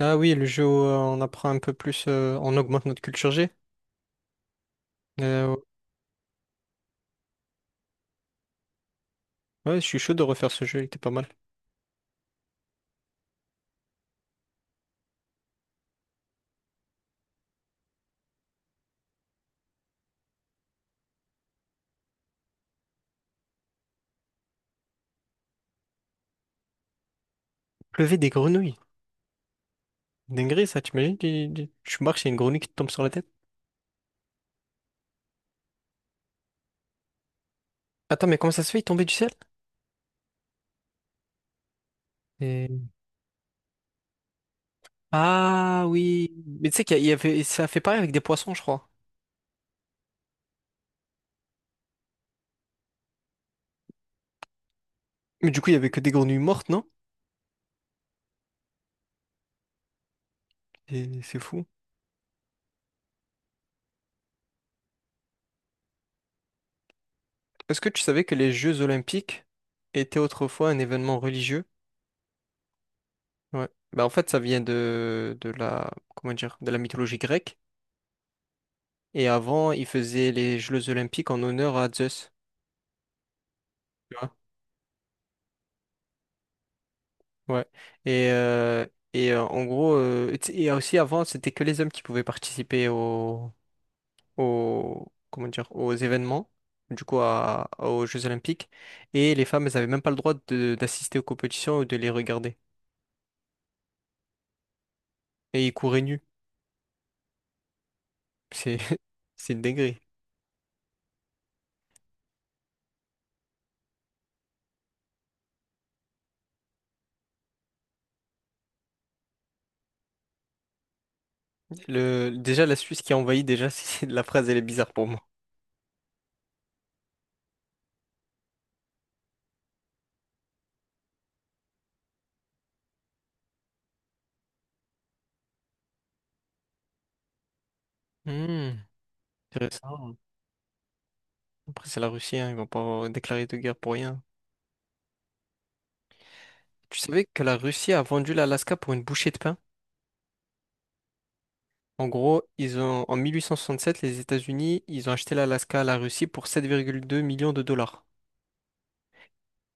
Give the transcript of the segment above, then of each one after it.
Ah oui, le jeu où on apprend un peu plus, on augmente notre culture G. Euh, ouais, je suis chaud de refaire ce jeu, il était pas mal. Lever des grenouilles. Dinguerie, ça, t'imagines? Tu marches, il y a une grenouille qui te tombe sur la tête. Attends, mais comment ça se fait, il est tombé du ciel? Et- Ah oui. Mais tu sais qu'il y avait, ça a fait pareil avec des poissons, je crois. Mais du coup, il y avait que des grenouilles mortes, non? Et c'est fou. Est-ce que tu savais que les Jeux Olympiques étaient autrefois un événement religieux? Ouais. Bah en fait, ça vient de la, comment dire, de la mythologie grecque. Et avant, ils faisaient les Jeux olympiques en honneur à Zeus. Tu vois? Ouais. Et, euh, et en gros, tu sais, et aussi avant, c'était que les hommes qui pouvaient participer aux, comment dire, aux événements, du coup, aux Jeux olympiques. Et les femmes, elles n'avaient même pas le droit d'assister aux compétitions ou de les regarder. Et ils couraient nus. C'est, c'est une dinguerie. Déjà, la Suisse qui a envahi, déjà, la phrase, elle est bizarre pour moi. Hmm, intéressant, hein. Après, c'est la Russie, hein, ils vont pas déclarer de guerre pour rien. Tu savais que la Russie a vendu l'Alaska pour une bouchée de pain? En gros, ils ont, en 1867, les États-Unis, ils ont acheté l'Alaska à la Russie pour 7,2 millions de dollars.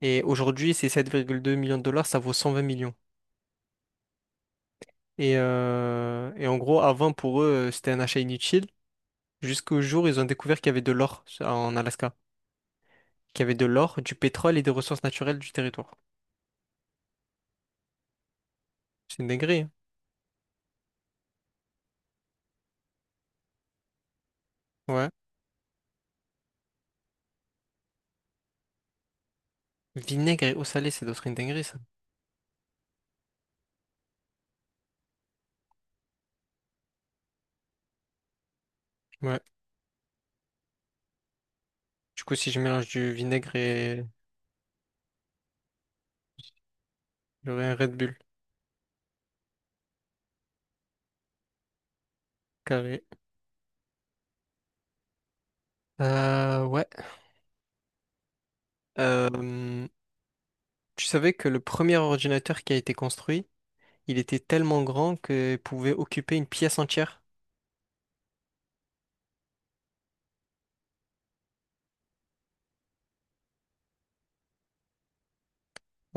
Et aujourd'hui, ces 7,2 millions de dollars, ça vaut 120 millions. Et en gros, avant, pour eux, c'était un achat inutile, jusqu'au jour où ils ont découvert qu'il y avait de l'or en Alaska, qu'il y avait de l'or, du pétrole et des ressources naturelles du territoire. C'est une dinguerie, hein. Ouais. Vinaigre et eau salée, c'est d'autres une dinguerie, ça. Ouais. Du coup, si je mélange du vinaigre et j'aurai un Red Bull carré. Ouais. Euh, Tu savais que le premier ordinateur qui a été construit, il était tellement grand qu'il pouvait occuper une pièce entière.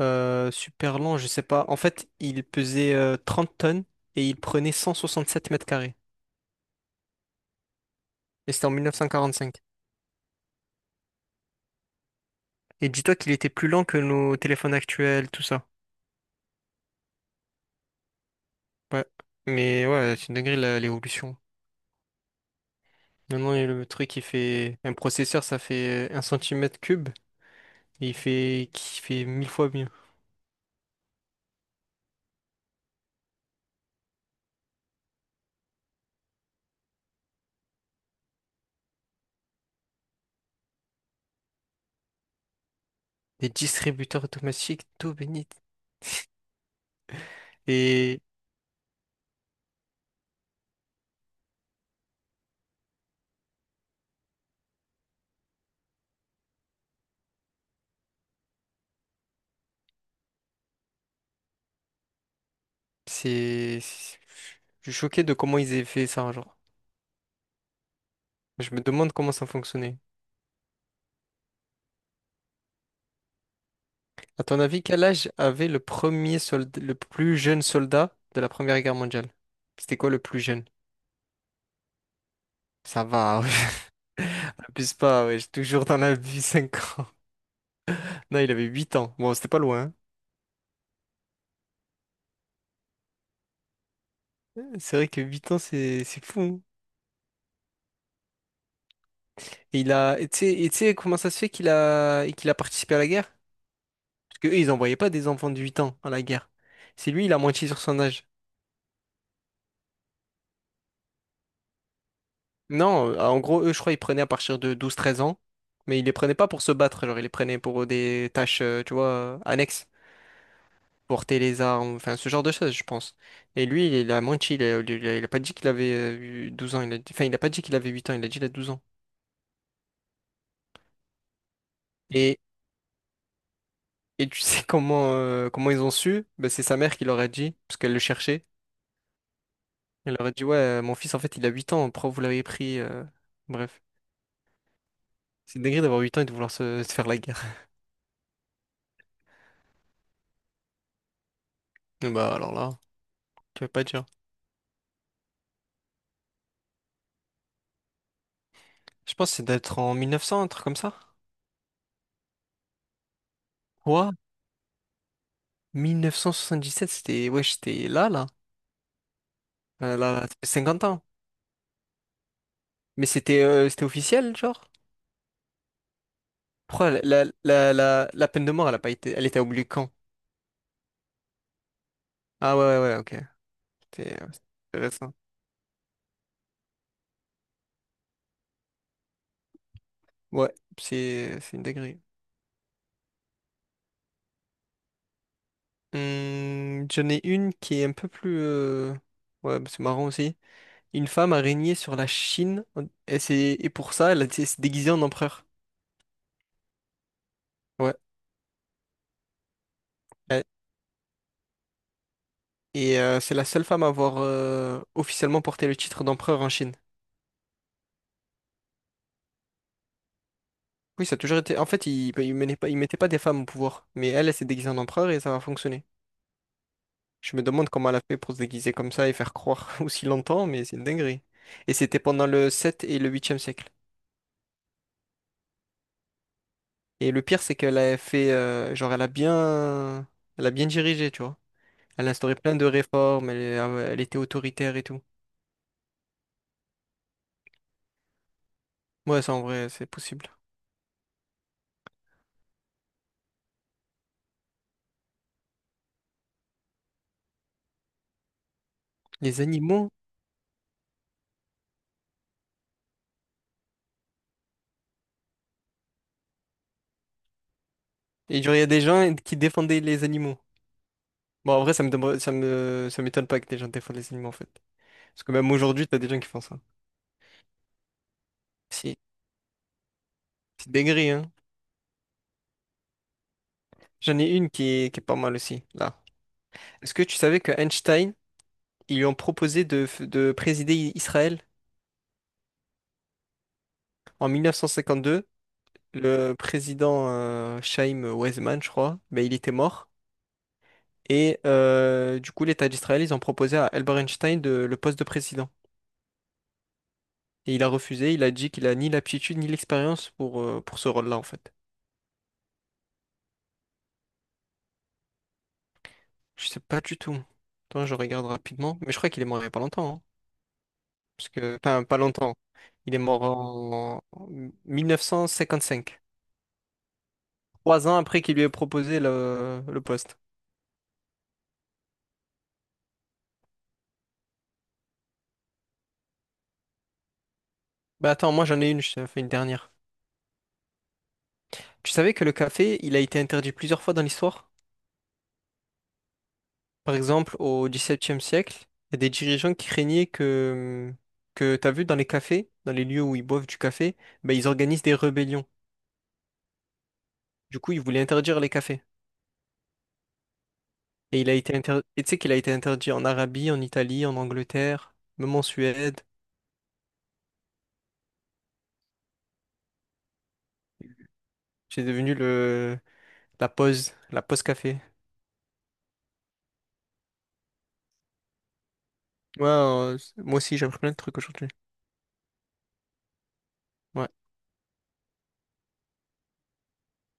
Super long, je sais pas. En fait, il pesait 30 tonnes et il prenait 167 mètres carrés. Et c'était en 1945. Et dis-toi qu'il était plus lent que nos téléphones actuels, tout ça. Ouais. Mais ouais, c'est une dinguerie l'évolution. Maintenant, il y a le truc, un processeur, ça fait un centimètre cube. Et qui fait mille fois mieux. Des distributeurs automatiques d'eau bénite. Et c'est... Je suis choqué de comment ils aient fait ça, genre. Je me demande comment ça fonctionnait. À ton avis, quel âge avait le premier soldat, le plus jeune soldat de la Première Guerre mondiale? C'était quoi le plus jeune? Ça va, ouais. Abuse pas, ouais, j'ai toujours dans la vie 5 ans. Non, il avait 8 ans. Bon, c'était pas loin, hein. C'est vrai que 8 ans, c'est fou, hein. Et il a, et tu sais comment ça se fait qu'il a participé à la guerre? Parce qu'eux, ils envoyaient pas des enfants de 8 ans à la guerre. C'est lui, il a moitié sur son âge. Non, en gros, eux, je crois, ils prenaient à partir de 12, 13 ans, mais ils les prenaient pas pour se battre, genre, ils les prenaient pour des tâches, tu vois, annexes, porter les armes, enfin, ce genre de choses, je pense. Et lui, il a menti, il a pas dit qu'il avait eu 12 ans, enfin, il a pas dit qu'il avait 8 ans, il a dit qu'il a 12 ans. Et, et tu sais comment ils ont su? Ben, c'est sa mère qui leur a dit, parce qu'elle le cherchait. Elle leur a dit, ouais, mon fils, en fait, il a 8 ans, pourquoi vous l'avez pris? Bref. C'est une d'avoir 8 ans et de vouloir se faire la guerre. Bah alors là, tu vas pas dire. Je pense que c'est d'être en 1900, un truc comme ça. Quoi? 1977, c'était. Ouais, j'étais là, là. Là, là, ça fait 50 ans. Mais c'était officiel, genre? Pourquoi la peine de mort, elle a pas été... elle était oubliée quand? Ah ouais, ouais, ouais, ok. C'est intéressant. Ouais, c'est une dinguerie. J'en ai une qui est un peu plus. Ouais, bah, c'est marrant aussi. Une femme a régné sur la Chine et pour ça, elle s'est déguisée en empereur. Ouais. Elle- Et c'est la seule femme à avoir officiellement porté le titre d'empereur en Chine. Oui, ça a toujours été. En fait, ils mettaient pas des femmes au pouvoir, mais elle, elle s'est déguisée en empereur et ça a fonctionné. Je me demande comment elle a fait pour se déguiser comme ça et faire croire aussi longtemps, mais c'est une dinguerie. Et c'était pendant le 7 et le huitième siècle. Et le pire, c'est qu'elle a fait, genre, elle a bien dirigé, tu vois. Elle a instauré plein de réformes, elle était autoritaire et tout. Ouais, ça en vrai, c'est possible. Les animaux? Et genre, il y a des gens qui défendaient les animaux. Bon, en vrai, ça me demande- ça me, ça m'étonne pas que des gens défendent les animaux, en fait. Parce que même aujourd'hui, t'as des gens qui font ça. Si, c'est dégré, hein. J'en ai une qui est pas mal aussi, là. Est-ce que tu savais que Einstein, ils lui ont proposé de présider Israël en 1952? Le président Chaim Weizmann, je crois, ben, il était mort. Et du coup, l'État d'Israël, ils ont proposé à Albert Einstein le poste de président. Et il a refusé, il a dit qu'il a ni l'aptitude ni l'expérience pour ce rôle-là, en fait. Je sais pas du tout. Attends, je regarde rapidement. Mais je crois qu'il est mort il y a pas longtemps, hein. Parce que, enfin, pas longtemps. Il est mort en 1955. 3 ans après qu'il lui ait proposé le poste. Bah attends, moi j'en ai une, je t'en fais une dernière. Tu savais que le café, il a été interdit plusieurs fois dans l'histoire? Par exemple, au XVIIe siècle, il y a des dirigeants qui craignaient que t'as vu dans les cafés, dans les lieux où ils boivent du café, bah, ils organisent des rébellions. Du coup, il voulait interdire les cafés. Et tu sais qu'il a été interdit en Arabie, en Italie, en Angleterre, même en Suède. C'est devenu le la pause café. Ouais, moi aussi, j'ai appris plein de trucs aujourd'hui. Ouais.